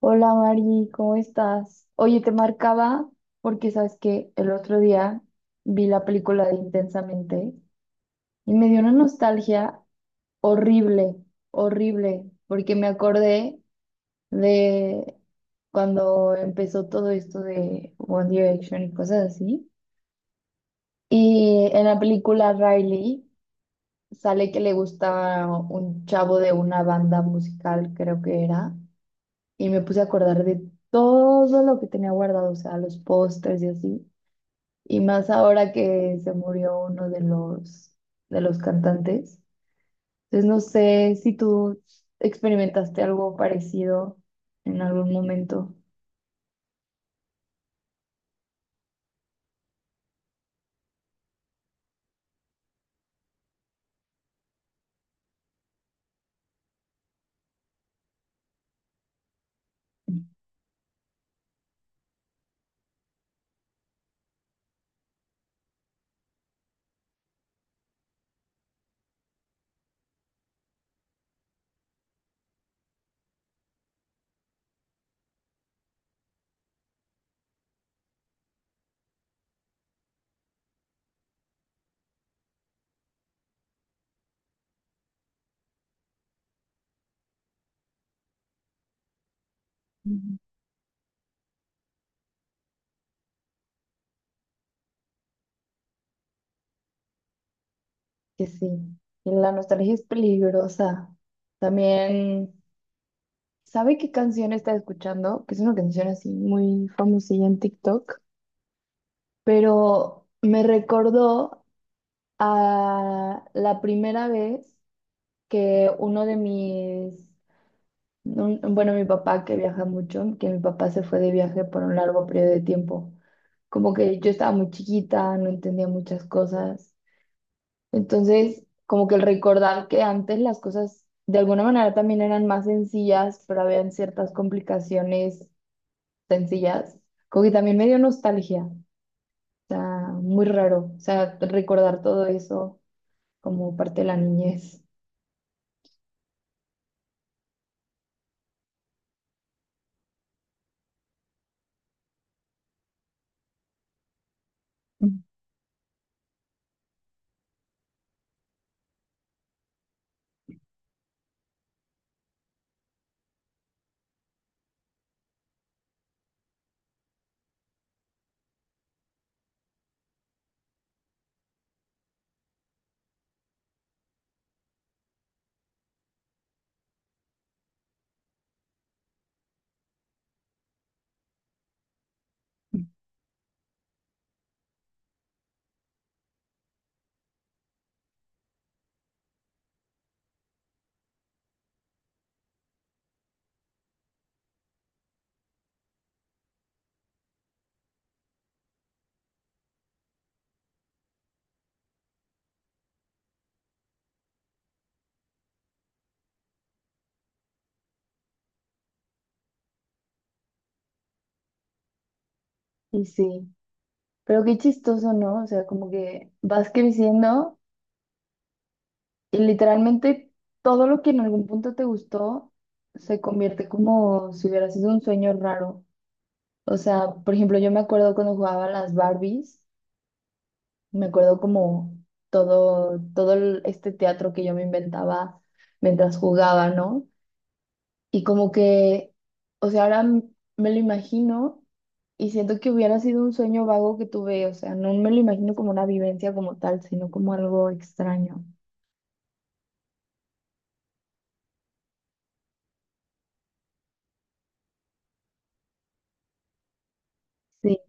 Hola Mari, ¿cómo estás? Oye, te marcaba porque sabes que el otro día vi la película de Intensamente y me dio una nostalgia horrible, horrible, porque me acordé de cuando empezó todo esto de One Direction y cosas así. Y en la película Riley sale que le gustaba un chavo de una banda musical, creo que era. Y me puse a acordar de todo lo que tenía guardado, o sea, los pósters y así. Y más ahora que se murió uno de los, cantantes. Entonces no sé si tú experimentaste algo parecido en algún momento. Ujú. Que sí. Y la nostalgia es peligrosa. También, ¿sabe qué canción está escuchando? Que es una canción así muy famosilla en TikTok, pero me recordó a la primera vez que uno de mis, un- bueno, mi papá que viaja mucho, que mi papá se fue de viaje por un largo periodo de tiempo. Como que yo estaba muy chiquita, no entendía muchas cosas. Entonces, como que el recordar que antes las cosas de alguna manera también eran más sencillas, pero habían ciertas complicaciones sencillas, como que también me dio nostalgia. O sea, muy raro. O sea, recordar todo eso como parte de la niñez. Y sí, pero qué chistoso, ¿no? O sea, como que vas creciendo y literalmente todo lo que en algún punto te gustó se convierte como si hubiera sido un sueño raro. O sea, por ejemplo, yo me acuerdo cuando jugaba a las Barbies, me acuerdo como todo este teatro que yo me inventaba mientras jugaba, ¿no? Y como que, o sea, ahora me lo imagino y siento que hubiera sido un sueño vago que tuve, o sea, no me lo imagino como una vivencia como tal, sino como algo extraño. Sí,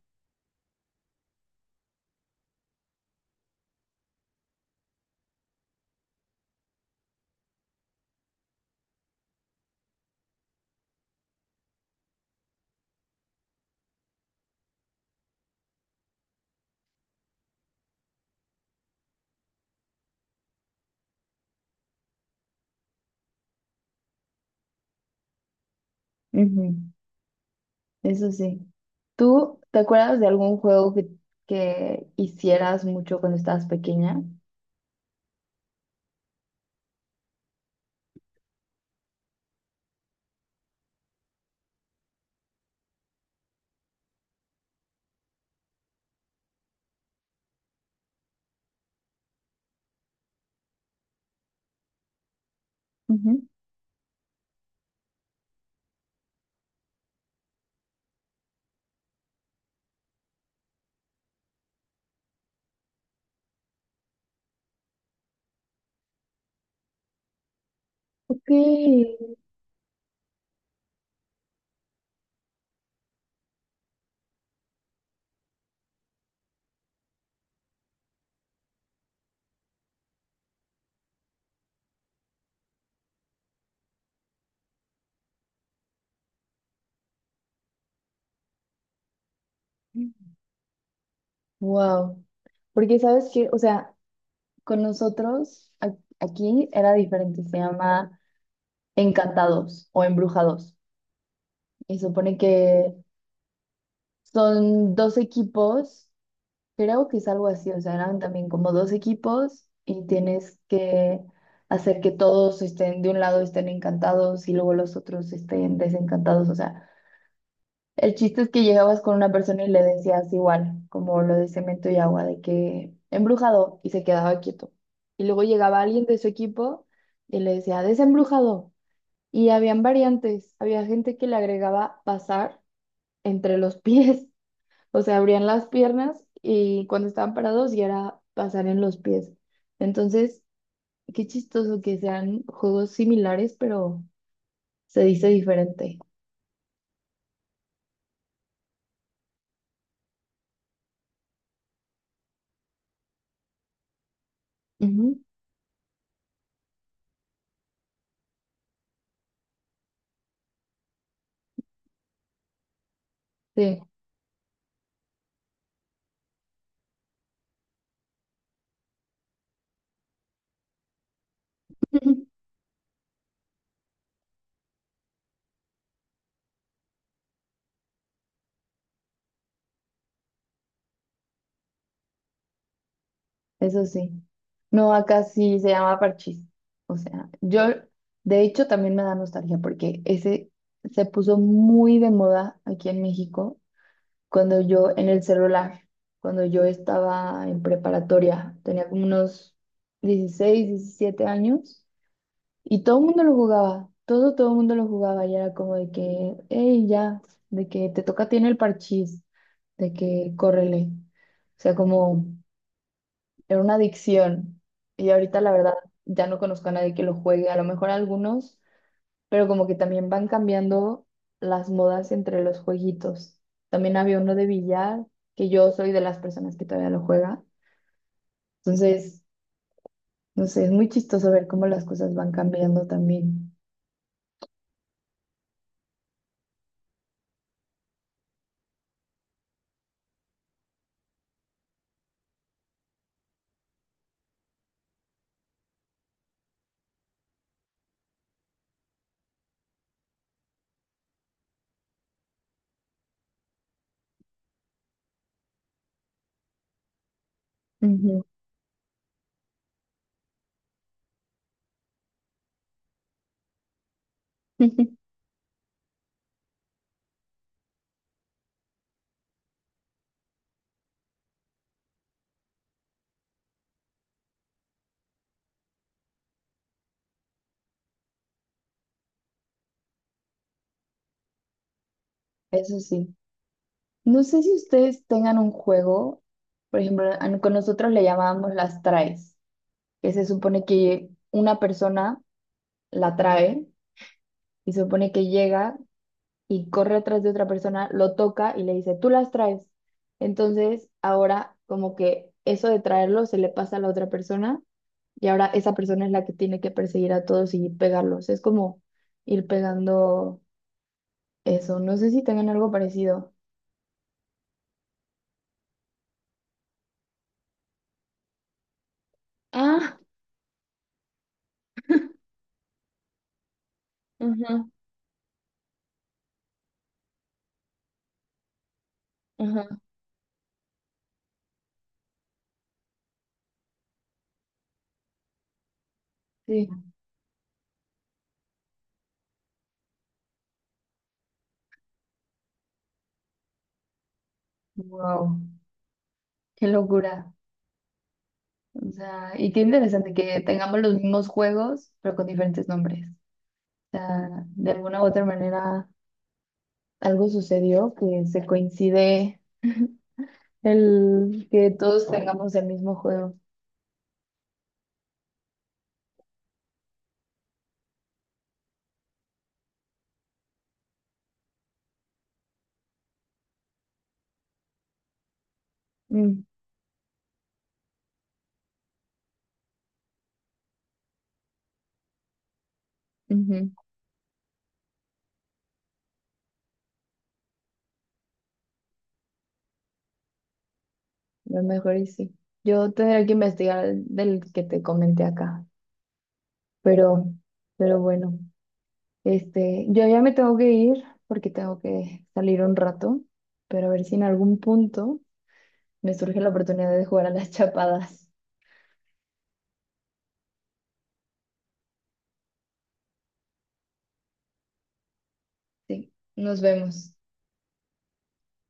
ujú. Eso sí. ¿Tú te acuerdas de algún juego que hicieras mucho cuando estabas pequeña? Ujú. Ok. Wow. Porque sabes que, o sea, con nosotros aquí era diferente, se llama Encantados o Embrujados. Y supone que son dos equipos, creo que es algo así, o sea, eran también como dos equipos y tienes que hacer que todos estén de un lado estén encantados y luego los otros estén desencantados, o sea, el chiste es que llegabas con una persona y le decías igual, como lo de cemento y agua, de que embrujado y se quedaba quieto. Y luego llegaba alguien de su equipo y le decía desembrujado. Y habían variantes, había gente que le agregaba pasar entre los pies. O sea, abrían las piernas y cuando estaban parados ya era pasar en los pies. Entonces, qué chistoso que sean juegos similares, pero se dice diferente. Ujú. Sí, eso sí. No, acá sí se llama parchís. O sea, yo, de hecho, también me da nostalgia porque ese se puso muy de moda aquí en México cuando yo en el celular, cuando yo estaba en preparatoria, tenía como unos 16 17 años y todo el mundo lo jugaba, todo el mundo lo jugaba y era como de que, hey, ya, de que te toca tiene el parchís, de que córrele. O sea, como era una adicción y ahorita la verdad ya no conozco a nadie que lo juegue, a lo mejor algunos pero como que también van cambiando las modas entre los jueguitos. También había uno de billar, que yo soy de las personas que todavía lo juega. Entonces, no sé, es muy chistoso ver cómo las cosas van cambiando también. Ujú. Eso sí. No sé si ustedes tengan un juego, por ejemplo, a no- con nosotros le llamábamos las traes, que se supone que una persona la trae y se supone que llega y corre atrás de otra persona, lo toca y le dice, tú las traes. Entonces, ahora como que eso de traerlo se le pasa a la otra persona y ahora esa persona es la que tiene que perseguir a todos y pegarlos. Es como ir pegando eso. No sé si tengan algo parecido. Ah, ajá, ajá, sí. Wow, qué locura. O sea, y qué interesante que tengamos los mismos juegos, pero con diferentes nombres. O sea, de alguna u otra manera algo sucedió que se coincide, el que todos tengamos el mismo juego. Mm, ujú. Lo mejor y sí. Yo tendré que investigar del que te comenté acá. Pero, pero bueno, yo ya me tengo que ir porque tengo que salir un rato. Pero a ver si en algún punto me surge la oportunidad de jugar a las chapadas. Sí, nos vemos.